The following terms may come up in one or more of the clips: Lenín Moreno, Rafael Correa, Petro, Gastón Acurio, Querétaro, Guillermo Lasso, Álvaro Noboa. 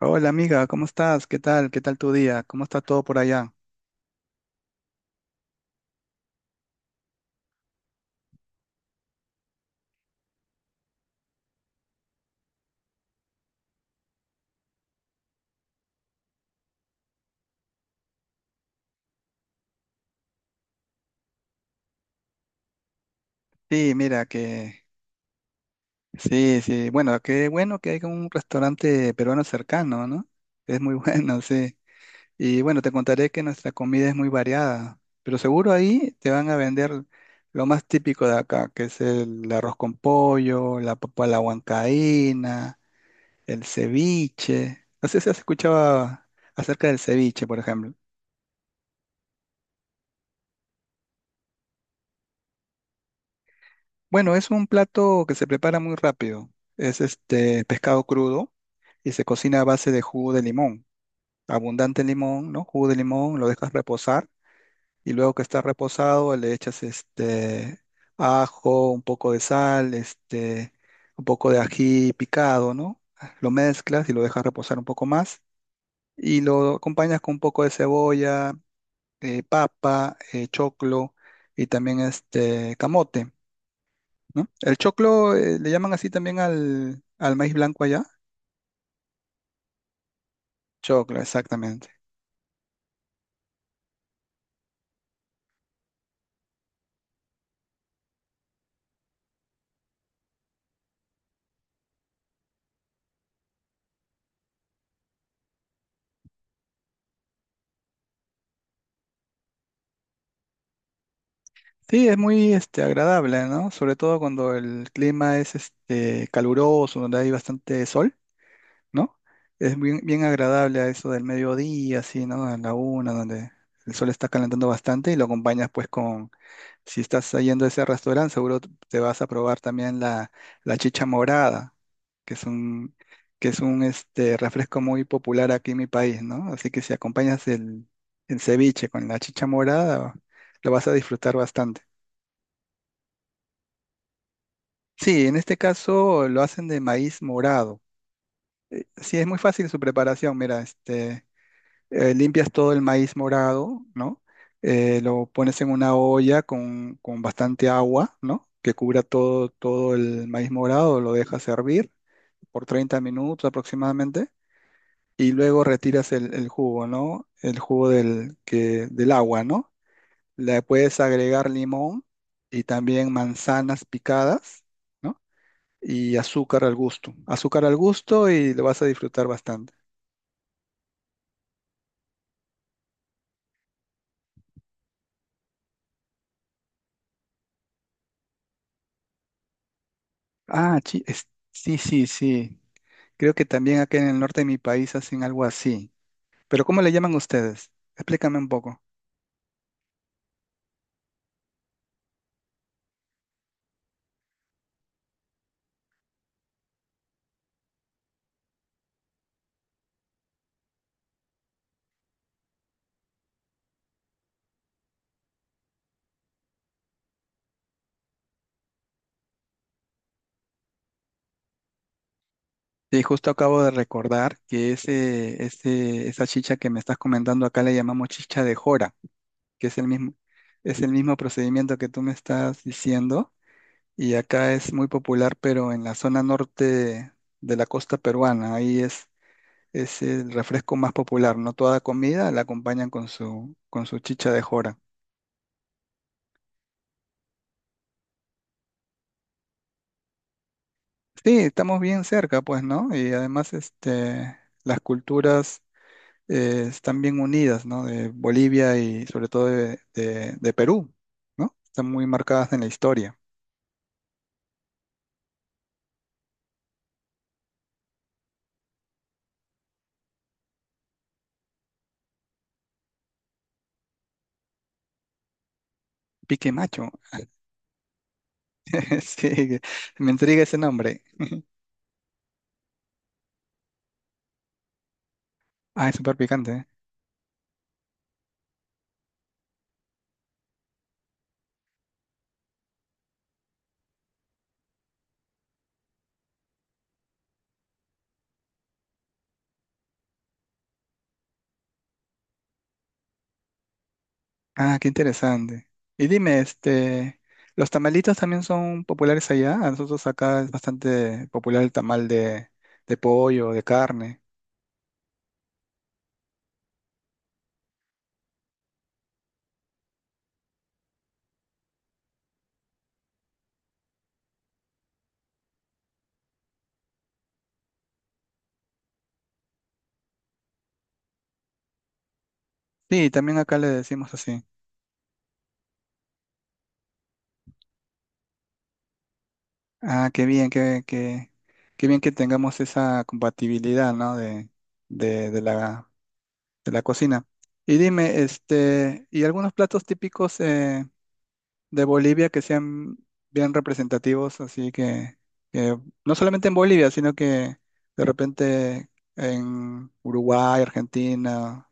Hola amiga, ¿cómo estás? ¿Qué tal? ¿Qué tal tu día? ¿Cómo está todo por allá? Sí, mira que sí. Bueno, qué bueno que hay un restaurante peruano cercano, ¿no? Es muy bueno, sí. Y bueno, te contaré que nuestra comida es muy variada, pero seguro ahí te van a vender lo más típico de acá, que es el arroz con pollo, la papa a la huancaína, el ceviche. No sé si has escuchado acerca del ceviche, por ejemplo. Bueno, es un plato que se prepara muy rápido. Es este pescado crudo y se cocina a base de jugo de limón. Abundante limón, ¿no? Jugo de limón, lo dejas reposar y luego que está reposado le echas este ajo, un poco de sal, este, un poco de ají picado, ¿no? Lo mezclas y lo dejas reposar un poco más y lo acompañas con un poco de cebolla, papa, choclo y también este camote. ¿No? El choclo, le llaman así también al maíz blanco allá. Choclo, exactamente. Sí, es muy este, agradable, ¿no? Sobre todo cuando el clima es este, caluroso, donde hay bastante sol, ¿no? Es bien, bien agradable a eso del mediodía, así, ¿no? A la una, donde el sol está calentando bastante y lo acompañas pues con, si estás yendo a ese restaurante, seguro te vas a probar también la chicha morada, que es un, que es un este, refresco muy popular aquí en mi país, ¿no? Así que si acompañas el ceviche con la chicha morada, lo vas a disfrutar bastante. Sí, en este caso lo hacen de maíz morado. Sí, es muy fácil su preparación. Mira, este, limpias todo el maíz morado, ¿no? Lo pones en una olla con bastante agua, ¿no? Que cubra todo, todo el maíz morado, lo dejas hervir por 30 minutos aproximadamente y luego retiras el jugo, ¿no? El jugo del, que, del agua, ¿no? Le puedes agregar limón y también manzanas picadas, ¿no? Y azúcar al gusto. Azúcar al gusto y lo vas a disfrutar bastante. Ah, chi- es- sí, sí, sí. Creo que también acá en el norte de mi país hacen algo así. Pero ¿cómo le llaman ustedes? Explícame un poco. Y justo acabo de recordar que esa chicha que me estás comentando acá le llamamos chicha de jora, que es el mismo procedimiento que tú me estás diciendo. Y acá es muy popular, pero en la zona norte de la costa peruana, ahí es el refresco más popular, ¿no? Toda comida la acompañan con su chicha de jora. Sí, estamos bien cerca, pues, ¿no? Y además, este, las culturas están bien unidas, ¿no? De Bolivia y sobre todo de Perú, ¿no? Están muy marcadas en la historia. Pique Macho, sí, me intriga ese nombre. Ah, es súper picante. Ah, qué interesante. Y dime, este, ¿los tamalitos también son populares allá? A nosotros acá es bastante popular el tamal de pollo, de carne. Sí, también acá le decimos así. Ah, qué bien, qué, qué, qué bien que tengamos esa compatibilidad, ¿no? De, de la, de la cocina. Y dime, este, ¿y algunos platos típicos de Bolivia que sean bien representativos? Así que no solamente en Bolivia, sino que de repente en Uruguay, Argentina,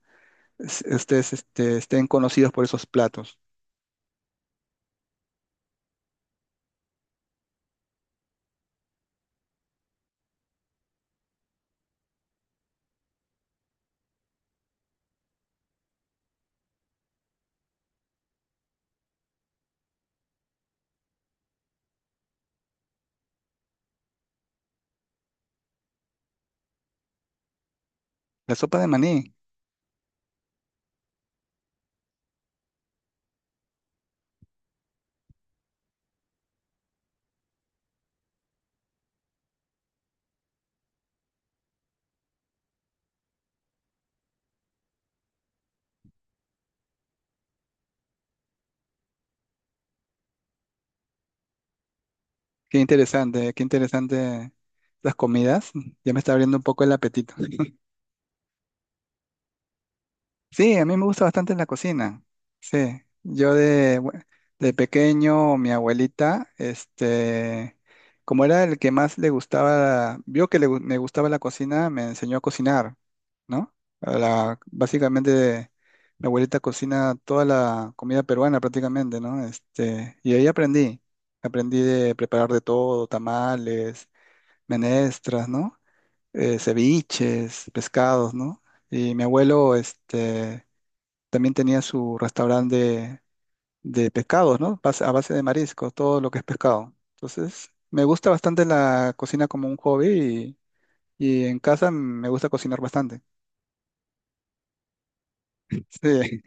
es- ustedes este, estén conocidos por esos platos. La sopa de maní. Qué interesante las comidas. Ya me está abriendo un poco el apetito. Sí, a mí me gusta bastante la cocina. Sí, yo de, bue- de pequeño, mi abuelita, este, como era el que más le gustaba, vio que le gu- me gustaba la cocina, me enseñó a cocinar, ¿no? A la- básicamente, mi abuelita cocina toda la comida peruana prácticamente, ¿no? Este, y ahí aprendí. Aprendí de preparar de todo, tamales menestras, ¿no? Ceviches, pescados, ¿no? Y mi abuelo, este, también tenía su restaurante de pescados, ¿no? Base- A base de mariscos, todo lo que es pescado. Entonces, me gusta bastante la cocina como un hobby y en casa me gusta cocinar bastante. Sí,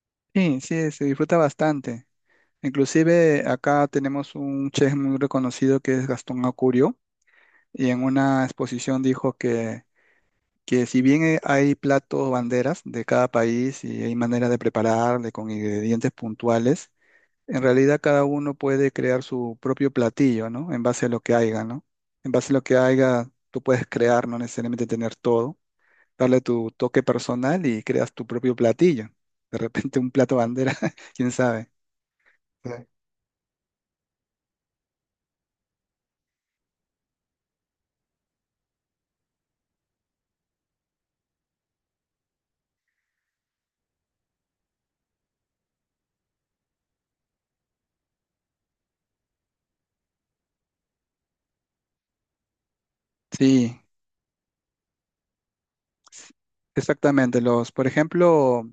sí, sí, se disfruta bastante. Inclusive acá tenemos un chef muy reconocido que es Gastón Acurio y en una exposición dijo que si bien hay platos banderas de cada país y hay maneras de prepararle con ingredientes puntuales, en realidad cada uno puede crear su propio platillo, ¿no? En base a lo que haya, ¿no? En base a lo que haya, tú puedes crear, no necesariamente tener todo, darle tu toque personal y creas tu propio platillo. De repente un plato bandera, quién sabe. Sí. Sí, exactamente. Los, por ejemplo,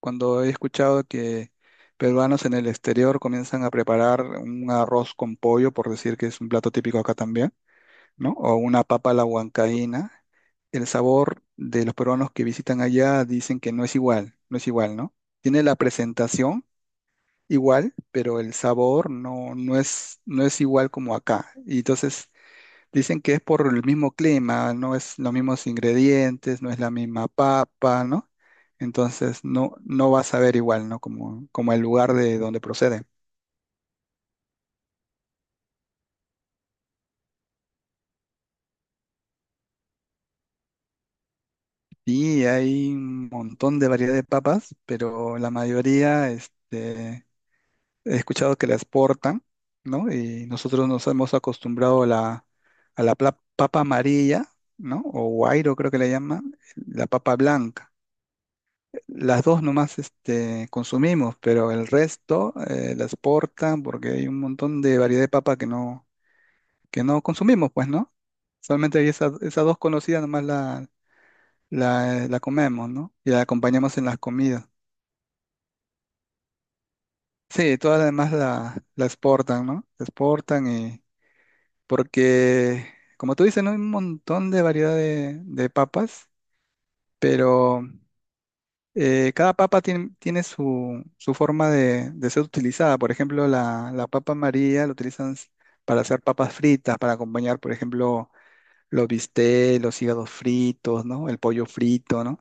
cuando he escuchado que peruanos en el exterior comienzan a preparar un arroz con pollo, por decir que es un plato típico acá también, ¿no? O una papa a la huancaína, el sabor de los peruanos que visitan allá dicen que no es igual, no es igual, ¿no? Tiene la presentación igual, pero el sabor no, no es, no es igual como acá. Y entonces dicen que es por el mismo clima, no es los mismos ingredientes, no es la misma papa, ¿no? Entonces no, no vas a ver igual, ¿no? Como, como el lugar de donde procede. Y hay un montón de variedad de papas, pero la mayoría, este, he escuchado que la exportan, ¿no? Y nosotros nos hemos acostumbrado a a la pla- papa amarilla, ¿no? O guairo creo que le llaman, la papa blanca. Las dos nomás este, consumimos, pero el resto la exportan porque hay un montón de variedad de papa que no consumimos, pues, ¿no? Solamente hay esas, esas dos conocidas nomás la comemos, ¿no? Y la acompañamos en las comidas. Sí, todas las demás la exportan, ¿no? La exportan y porque, como tú dices, ¿no? Hay un montón de variedad de papas, pero cada papa tiene, tiene su, su forma de ser utilizada. Por ejemplo, la papa María la utilizan s- para hacer papas fritas, para acompañar, por ejemplo, los bistecs, los hígados fritos, ¿no? El pollo frito, ¿no?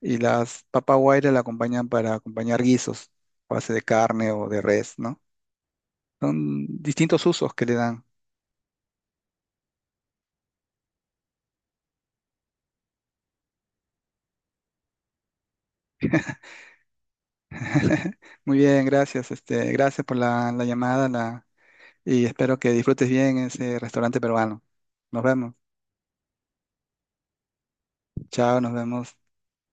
Y las papas guaira la acompañan para acompañar guisos, a base de carne o de res, ¿no? Son distintos usos que le dan. Muy bien, gracias. Este, gracias por la llamada la, y espero que disfrutes bien ese restaurante peruano. Nos vemos. Chao, nos vemos.